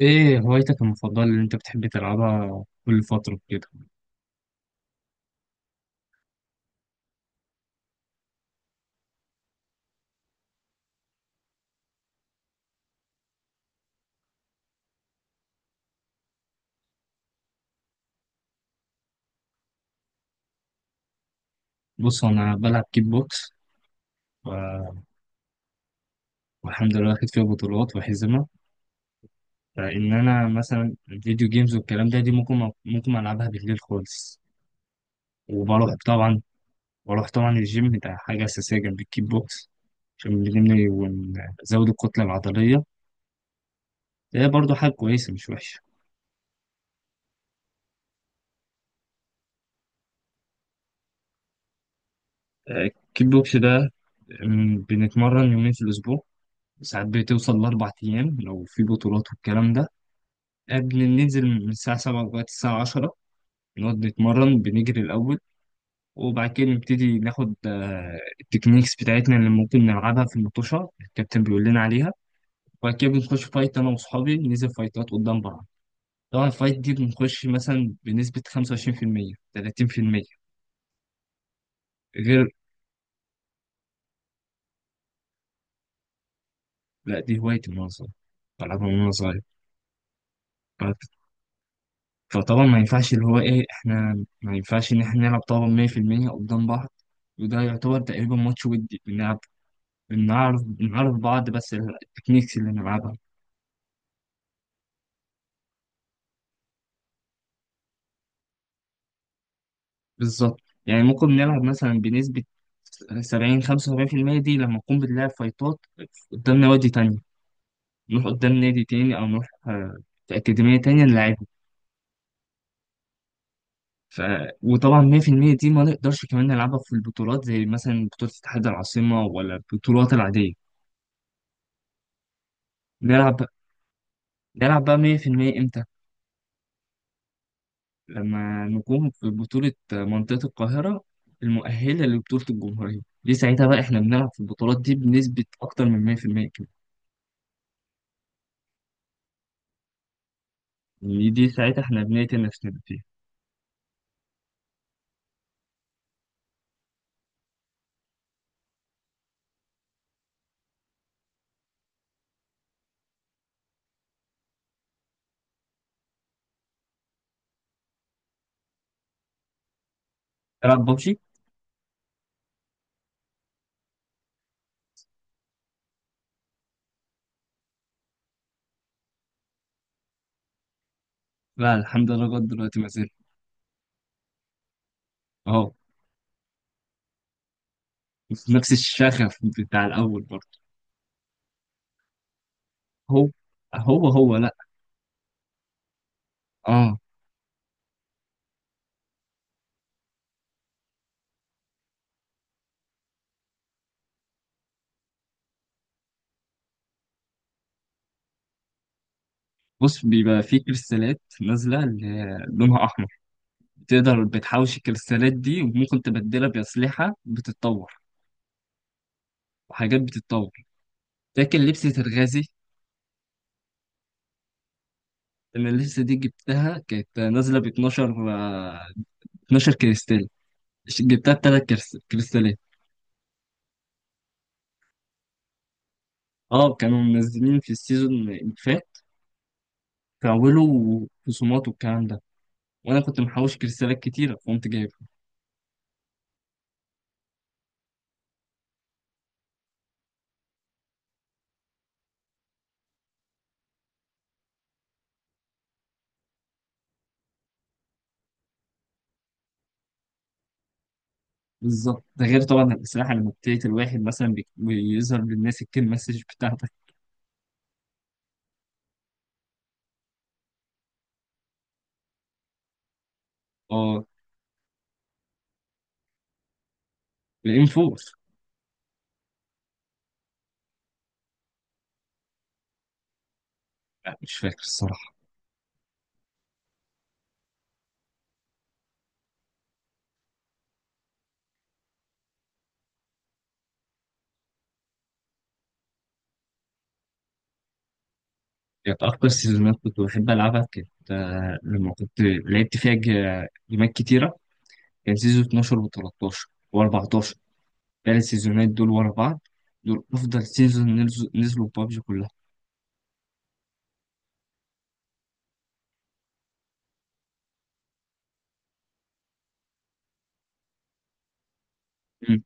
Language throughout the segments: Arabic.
ايه هوايتك المفضلة اللي انت بتحب تلعبها كل فترة كده؟ بص انا بلعب كيك بوكس و- والحمد لله واخد فيها بطولات وحزمة. فان انا مثلا الفيديو جيمز والكلام ده دي ممكن العبها بالليل خالص. وبروح طبعا الجيم ده حاجة اساسية جنب الكيك بوكس، عشان بنبني ونزود الكتلة العضلية. ده برضو حاجة كويسة مش وحشة. آه، الكيك بوكس ده، بنتمرن يومين في الأسبوع. ساعات بتوصل لأربع أيام لو في بطولات والكلام ده. قبل ننزل من الساعة سبعة لغاية الساعة عشرة نقعد نتمرن، بنجري الأول وبعد كده نبتدي ناخد التكنيكس بتاعتنا اللي ممكن نلعبها في المطوشة، الكابتن بيقول لنا عليها. وبعد كده بنخش فايت أنا وأصحابي، ننزل فايتات قدام بعض. طبعا الفايت دي بنخش مثلا بنسبة 25%، 30%. غير. لأ دي هوايتي من وأنا صغير، بلعبها من وأنا صغير. ف- فطبعا ما ينفعش اللي هو إيه إحنا ما ينفعش إن إحنا نلعب طبعا 100% قدام بعض. وده يعتبر تقريبا ماتش، ودي بنلعب بنعرف بعض بس التكنيكس اللي نلعبها. بالظبط. يعني ممكن نلعب مثلا بنسبة 70، 75% دي لما نكون بنلعب فايتات قدام نوادي تانية. نروح قدام نادي تاني أو نروح في أكاديمية تانية نلعبهم. ف... وطبعا 100% دي ما نقدرش كمان نلعبها في البطولات زي مثلا بطولة اتحاد العاصمة ولا البطولات العادية. نلعب نلعب بقى 100% إمتى؟ لما نقوم في بطولة منطقة القاهرة المؤهلة لبطولة الجمهورية، دي ساعتها بقى احنا بنلعب في البطولات دي بنسبة أكتر من 100% كده. يعني دي ساعتها احنا بنقتل نفسنا فيها. تلعب ببجي؟ لا الحمد لله، لغاية دلوقتي ما زلت. اهو. في نفس الشغف بتاع الأول برضه. هو هو لا. اه. بص بيبقى في كريستالات نازلة اللي هي لونها أحمر، بتقدر بتحوش الكريستالات دي وممكن تبدلها بأسلحة بتتطور وحاجات بتتطور. فاكر لبسة الغازي؟ انا لسه دي جبتها، كانت نازله ب 12 12 كريستال، جبتها بثلاث كريستالات. اه كانوا منزلين في السيزون اللي فات كاولوا خصومات والكلام ده، وانا كنت محوش كريستالات كتيره فقمت جايبها. بالظبط. ده غير طبعا الاسلحه، لما بتقتل الواحد مثلا بيظهر للناس الكيل مسج بتاعتك. اه الام 4. لا مش فاكر الصراحه. كانت اكتر سيزونات كنت بحب العبها كانت لما كنت لعبت فيها جيمات كتيره، كان سيزون 12 و13 و14، الثلاث سيزونات دول ورا بعض، دول افضل سيزون نزلوا ببجي كلها. مم.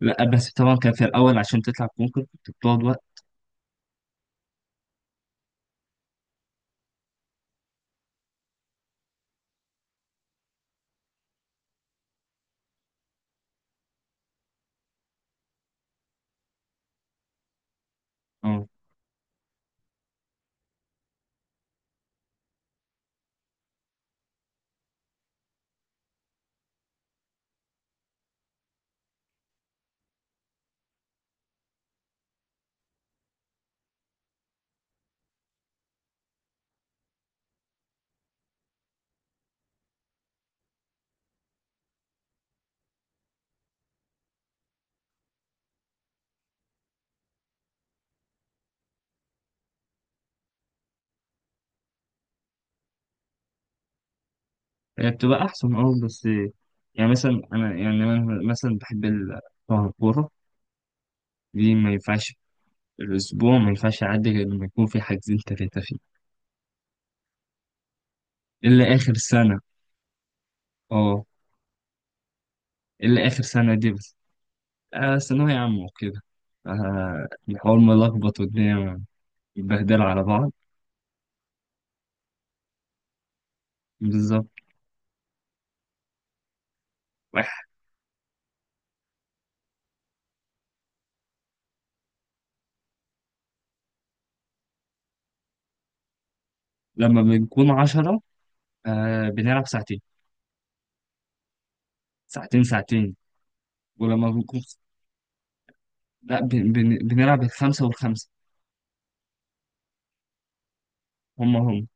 لا بس طبعا كان في الاول عشان تطلع كونكر كنت بتقعد وقت. اه. هي بتبقى احسن، اه بس يعني مثلا انا يعني انا مثلا بحب طبعا الكوره دي ما ينفعش، الاسبوع ما ينفعش يعدي غير لما يكون في حاجزين ثلاثه فيه. الا اخر سنه اه. الا اخر سنه دي بس، ثانوية عامة وكده، الحوار ملخبط والدنيا متبهدلة على بعض. بالظبط. واحد. لما بنكون عشرة بنلعب ساعتين ساعتين ساعتين. ولما بنكون لا بنلعب الخمسة والخمسة. هم هم.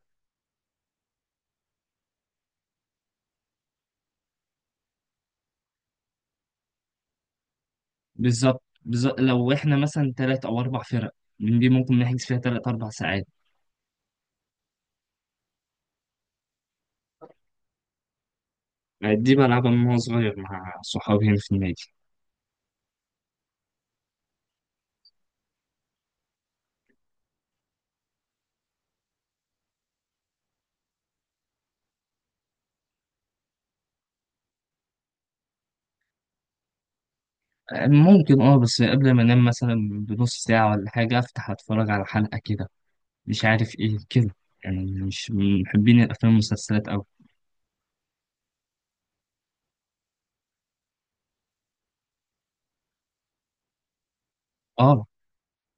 بالظبط بالظبط. لو احنا مثلا تلات أو أربع فرق من دي ممكن نحجز فيها تلات أربع ساعات. دي بلعبها من وأنا صغير مع صحابي هنا في النادي. ممكن. اه بس قبل ما انام مثلا بنص ساعة ولا حاجة افتح اتفرج على حلقة كده، مش عارف ايه كده، يعني مش من محبين الافلام والمسلسلات اوي. اه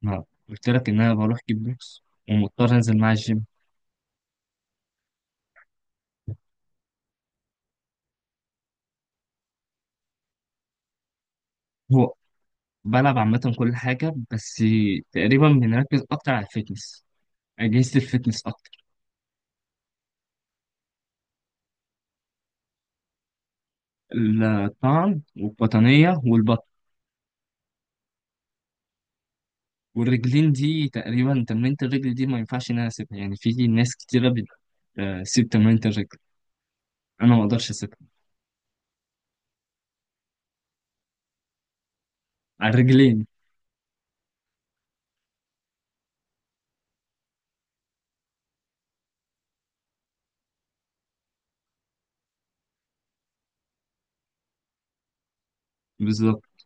ما قلت لك ان انا بروح كيك بوكس ومضطر انزل مع الجيم. هو بلعب عامة كل حاجة، بس تقريبا بنركز أكتر على الفتنس، أجهزة الفتنس أكتر. الطعن والقطنية والبطن والرجلين. دي تقريبا تمرينة الرجل دي ما ينفعش إن أنا أسيبها، يعني في ناس كتيرة بتسيب تمرينة الرجل، أنا ما أقدرش أسيبها. على الرجلين. بالظبط.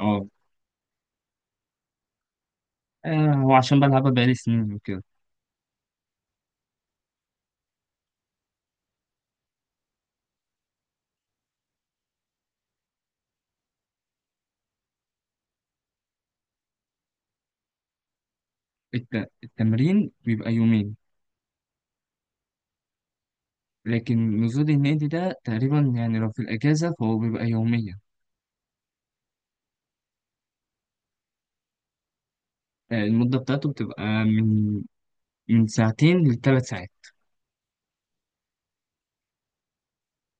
أه. هو عشان بلعبها بقالي سنين وكده. التمرين بيبقى يومين. لكن نزول النادي ده تقريبا يعني لو في الأجازة فهو بيبقى يوميا. المدة بتاعته بتبقى من ساعتين لثلاث ساعات.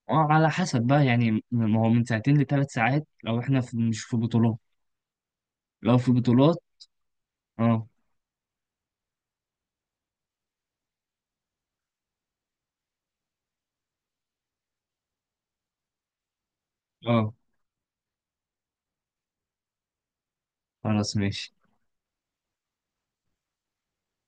وعلى حسب بقى، يعني ما هو من ساعتين لثلاث ساعات لو احنا في مش في بطولات، لو في بطولات. اه. اه خلاص ماشي.